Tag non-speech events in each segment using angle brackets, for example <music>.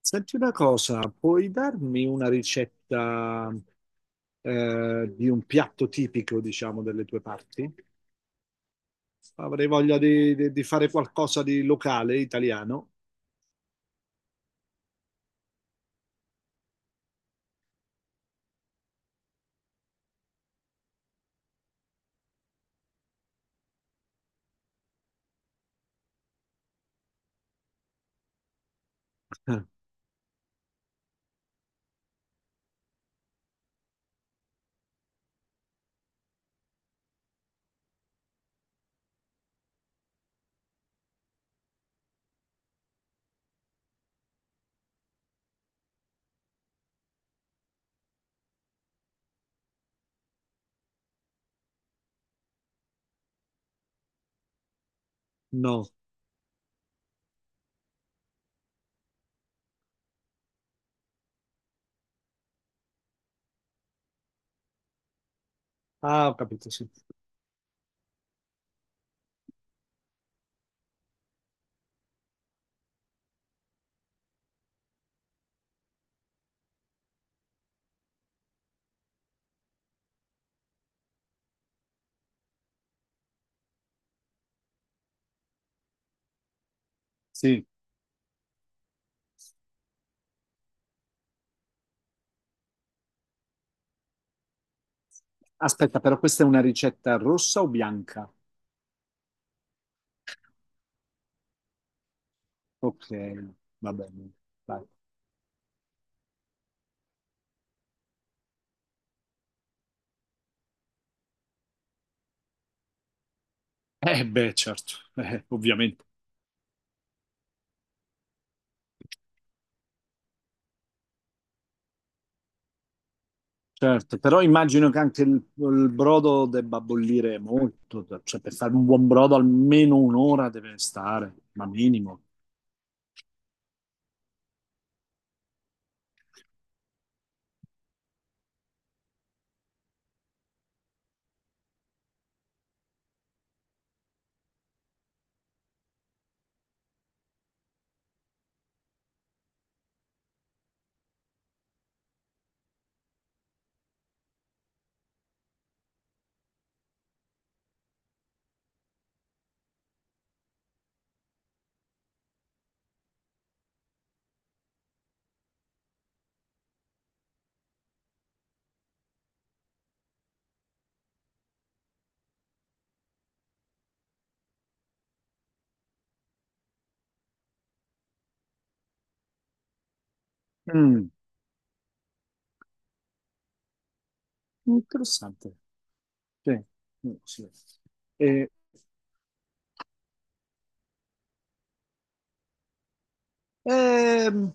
Senti una cosa, puoi darmi una ricetta di un piatto tipico, diciamo, delle tue parti? Avrei voglia di fare qualcosa di locale, italiano. Eh, No. Ah, ho capito, sì. Sì. Aspetta, però questa è una ricetta rossa o bianca? Ok, va bene. Vai. Eh beh, certo, eh, ovviamente. Certo, però immagino che anche il brodo debba bollire molto, cioè, per fare un buon brodo almeno un'ora deve stare, ma minimo. Mm, interessante. Sì, mm, sì. E, ehm,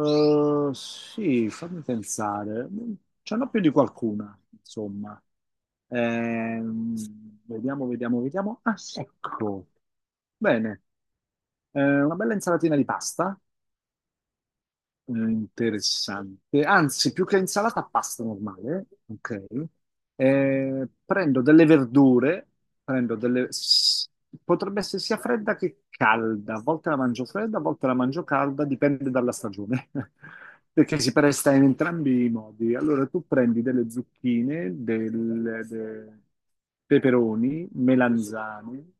sì, fammi pensare. Mm, ce n'ho più di qualcuna, insomma. Ehm, vediamo. Ah, sì, ecco, bene. Una bella insalatina di pasta. Interessante. Anzi, più che insalata, pasta normale. Ok. Prendo delle verdure, prendo delle... s- potrebbe essere sia fredda che calda. A volte la mangio fredda, a volte la mangio calda, dipende dalla stagione. <laughs> Perché si presta in entrambi i modi. Allora, tu prendi delle zucchine, peperoni, melanzane,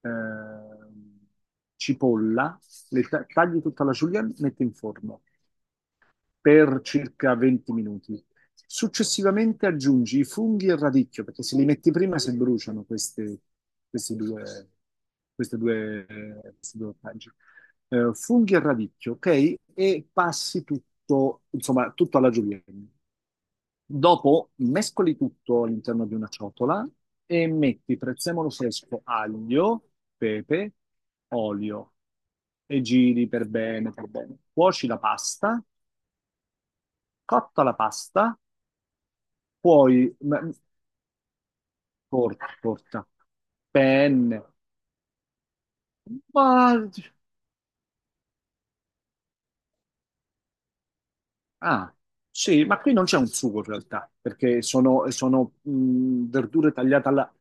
ehm, cipolla, tagli tutta la julienne, metti in forno per circa 20 minuti. Successivamente aggiungi i funghi e il radicchio, perché se li metti prima si bruciano queste due, queste due, queste due ortaggi. Funghi e radicchio, ok? E passi tutto, insomma, tutto alla julienne. Dopo mescoli tutto all'interno di una ciotola e metti prezzemolo fresco, aglio, pepe, olio e giri per bene, per bene. Cuoci la pasta. Cotta la pasta, poi ma- porta, porta, penne. ma- Ah, sì, ma qui non c'è un sugo in realtà, perché sono verdure tagliate alla...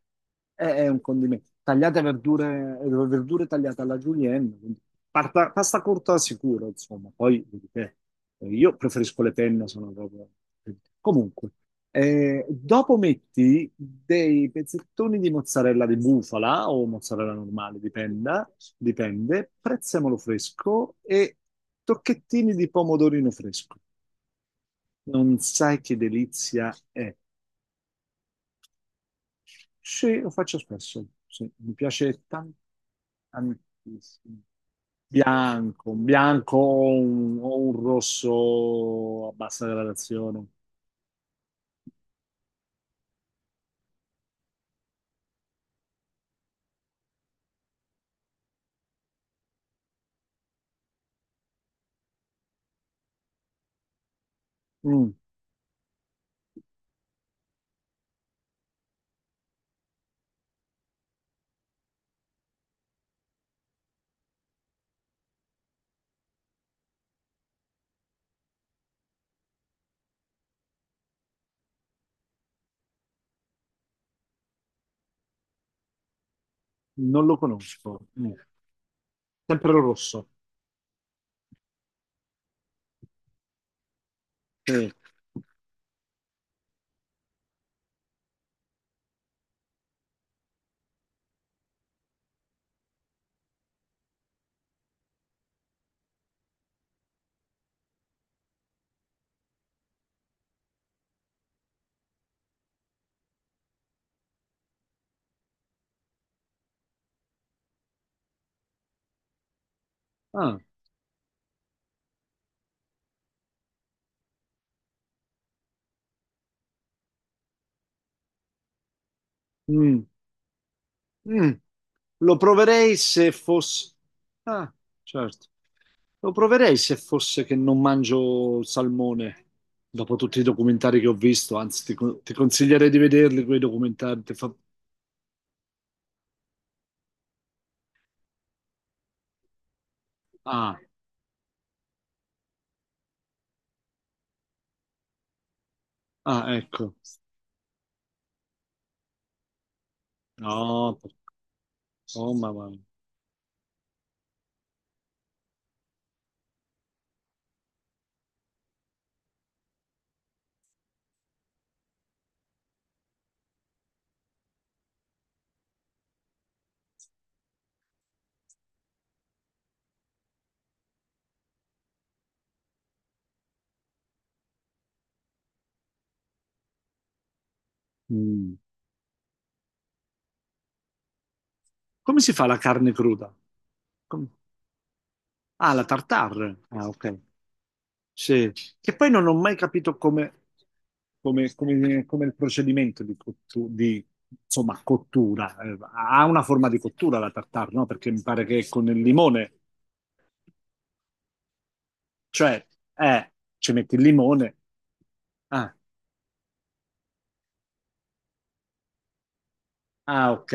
È, è un condimento. Tagliate verdure, verdure tagliate alla julienne, quindi pasta corta sicuro, insomma. Poi, vedi te, io preferisco le penne, sono proprio... comunque, dopo metti dei pezzettoni di mozzarella di bufala o mozzarella normale, dipende, prezzemolo fresco e tocchettini di pomodorino fresco. Non sai che delizia è. Sì, lo faccio spesso. Sì, mi piace tantissimo. Bianco, un bianco o un rosso a bassa gradazione. Mm, non lo conosco. Mm. Sempre il rosso. Sì. Ah, mm, mm, lo proverei se fosse... Ah, certo. Lo proverei se fosse che non mangio salmone, dopo tutti i documentari che ho visto, anzi ti consiglierei di vederli quei documentari. Ah, ah, ecco. No, per- oh, mamma mia. Mm. Come si fa la carne cruda? Com- Ah, la tartare. Ah, ok. Sì. Che poi non ho mai capito come il procedimento di di, insomma, cottura. Ha una forma di cottura la tartare, no? Perché mi pare che è con il limone. Cioè, eh, ci metti il limone. Ah, ah, ok.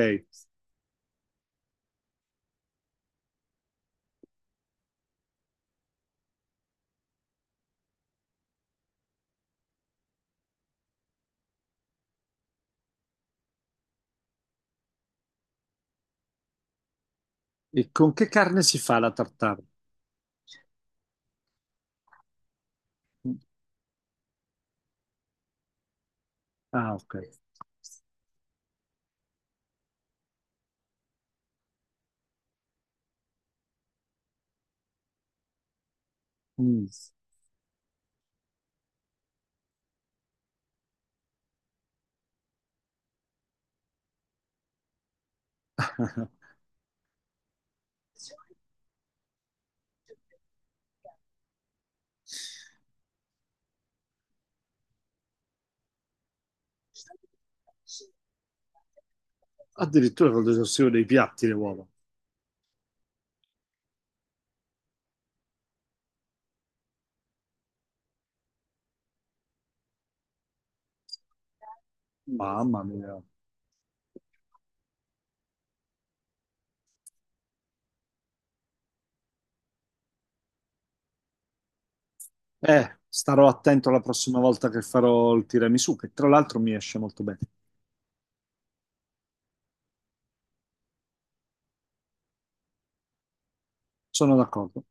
E con che carne si fa la tartare? Ah, ok. Mm. <laughs> Addirittura con l'esaustivo dei piatti le uova. Mamma mia. Starò attento la prossima volta che farò il tiramisù, che tra l'altro mi esce molto bene. Sono d'accordo.